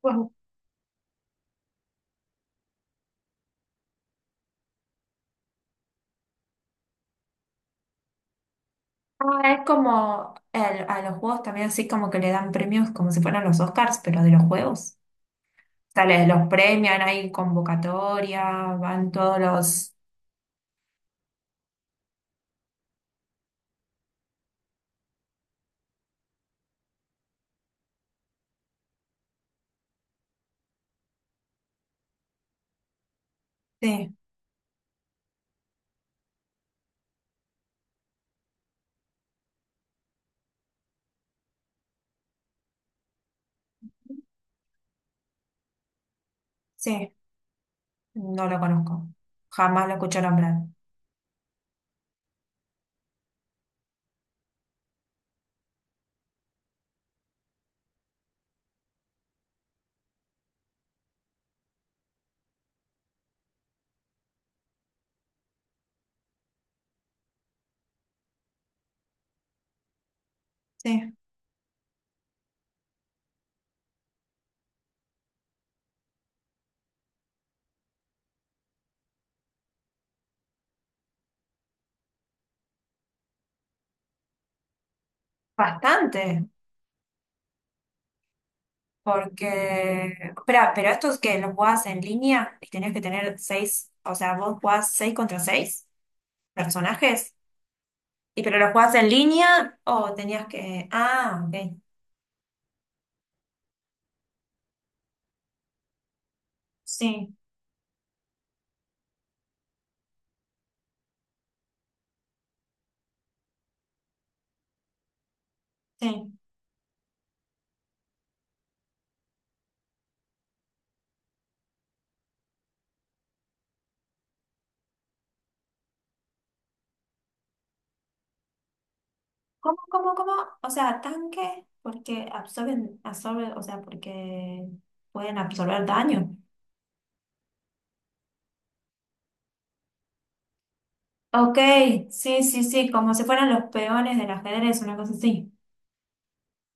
Pues... es como el- a los juegos también así como que le dan premios como si fueran los Oscars, pero de los juegos. O sea, les- los premian, hay convocatoria, van todos los... Sí, sí, no lo conozco. Jamás lo escuché nombrar. Sí, bastante, porque... Espera, pero estos que los jugás en línea y tenés que tener seis, o sea, vos jugás seis contra seis personajes, y pero los jugás en línea o tenías que... Ah, ok. Sí, sí. ¿Cómo, cómo, cómo? O sea, tanque porque absorben, o sea, porque pueden absorber daño. Ok, sí, sí, sí, como si fueran los peones del ajedrez, una cosa así.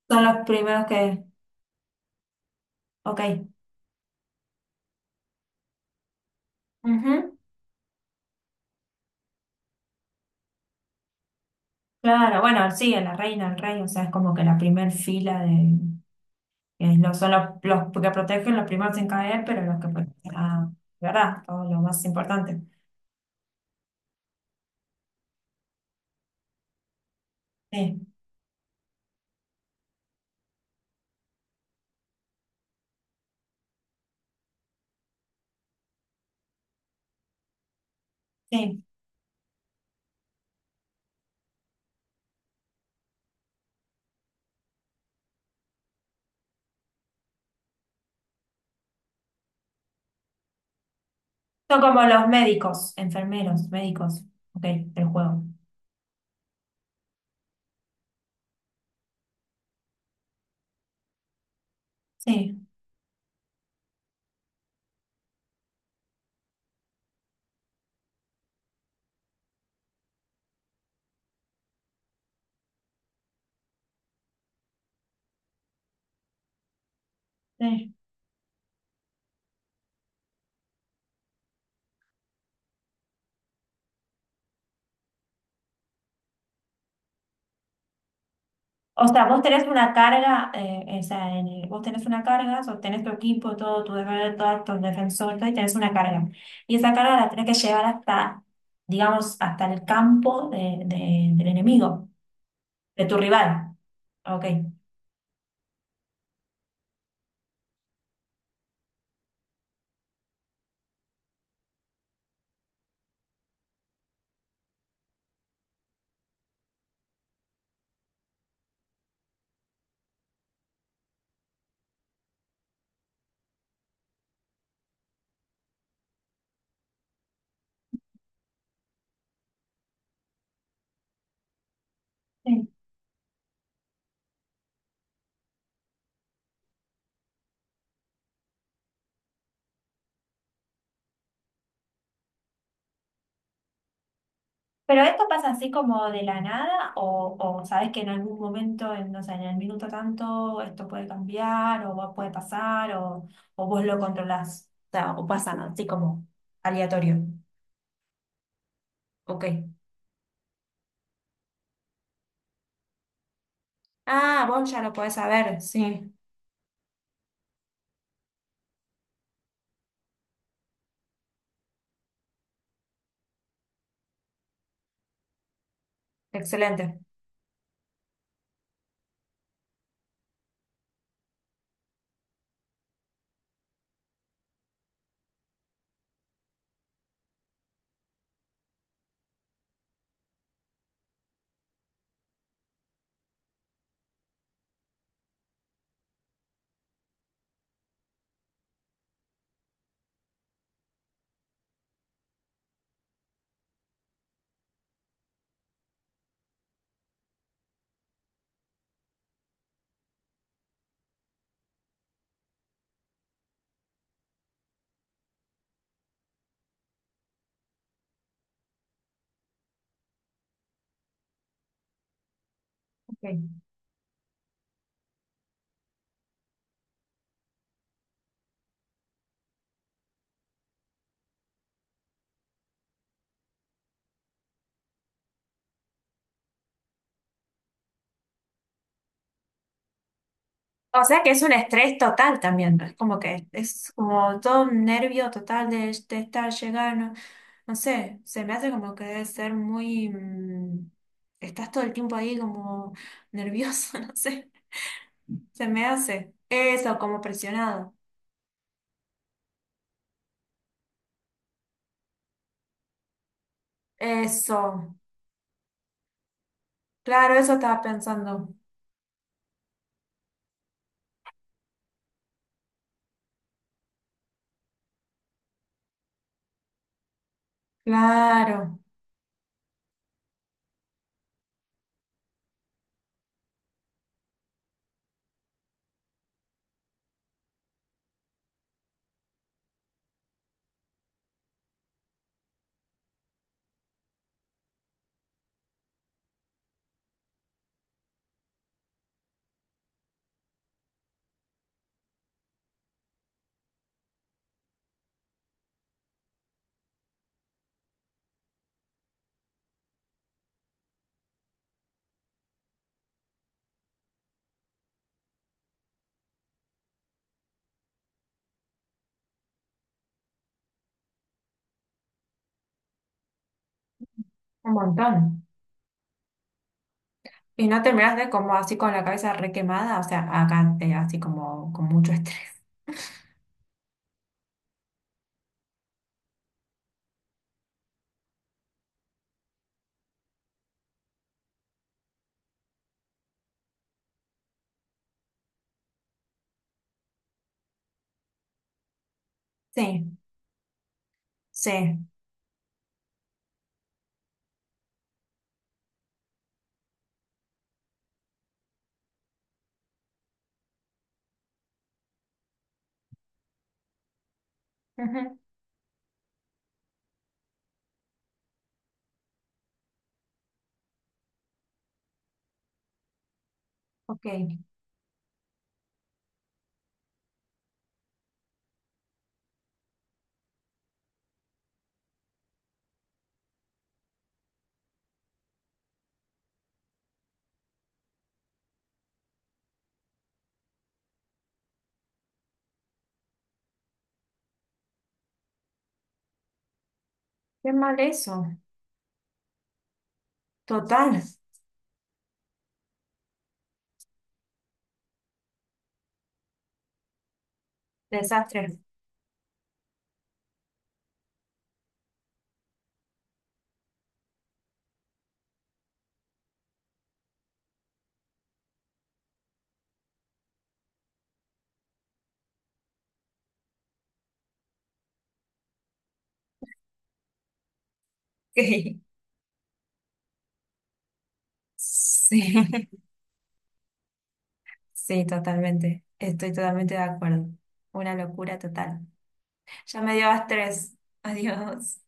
Son los primeros que... Ok. Ujú. Claro, bueno, sí, a la reina, al rey, o sea, es como que la primer fila de... es lo- son los que protegen los primeros en caer, pero los que... protegen- Ah, ¿verdad? Todo lo más importante. Sí, sí. Son como los médicos, enfermeros, médicos, ok, del juego. Sí, sí. O sea, vos tenés una carga, o sea, en el- vos tenés una carga, sostenés tu equipo, todo tu defensor, todos tus defensores, todo, y tenés una carga. Y esa carga la tenés que llevar hasta, digamos, hasta el campo de- del enemigo, de tu rival. Ok. Sí. Pero esto pasa así como de la nada, o sabes que en algún momento, en, no sé, en el minuto tanto, esto puede cambiar, o vos- puede pasar, o vos lo controlás. O sea, o pasa así como aleatorio. Ok. Ah, vos ya lo podés saber, sí. Excelente. Ok. No, o sea que es un estrés total también, ¿no? Es como que es como todo un nervio total de estar llegando. No sé, se me hace como que debe ser muy... estás todo el tiempo ahí como nervioso, no sé. Se me hace. Eso, como presionado. Eso. Claro, eso estaba pensando. Claro. Un montón. Y no terminas de como así con la cabeza requemada, o sea, acá te así como con mucho estrés. Sí, sí. Ujú. Ok. Qué mal eso. Total. Desastre. Ok. Sí, sí, totalmente. Estoy totalmente de acuerdo. Una locura total. Ya me dio estrés. Adiós.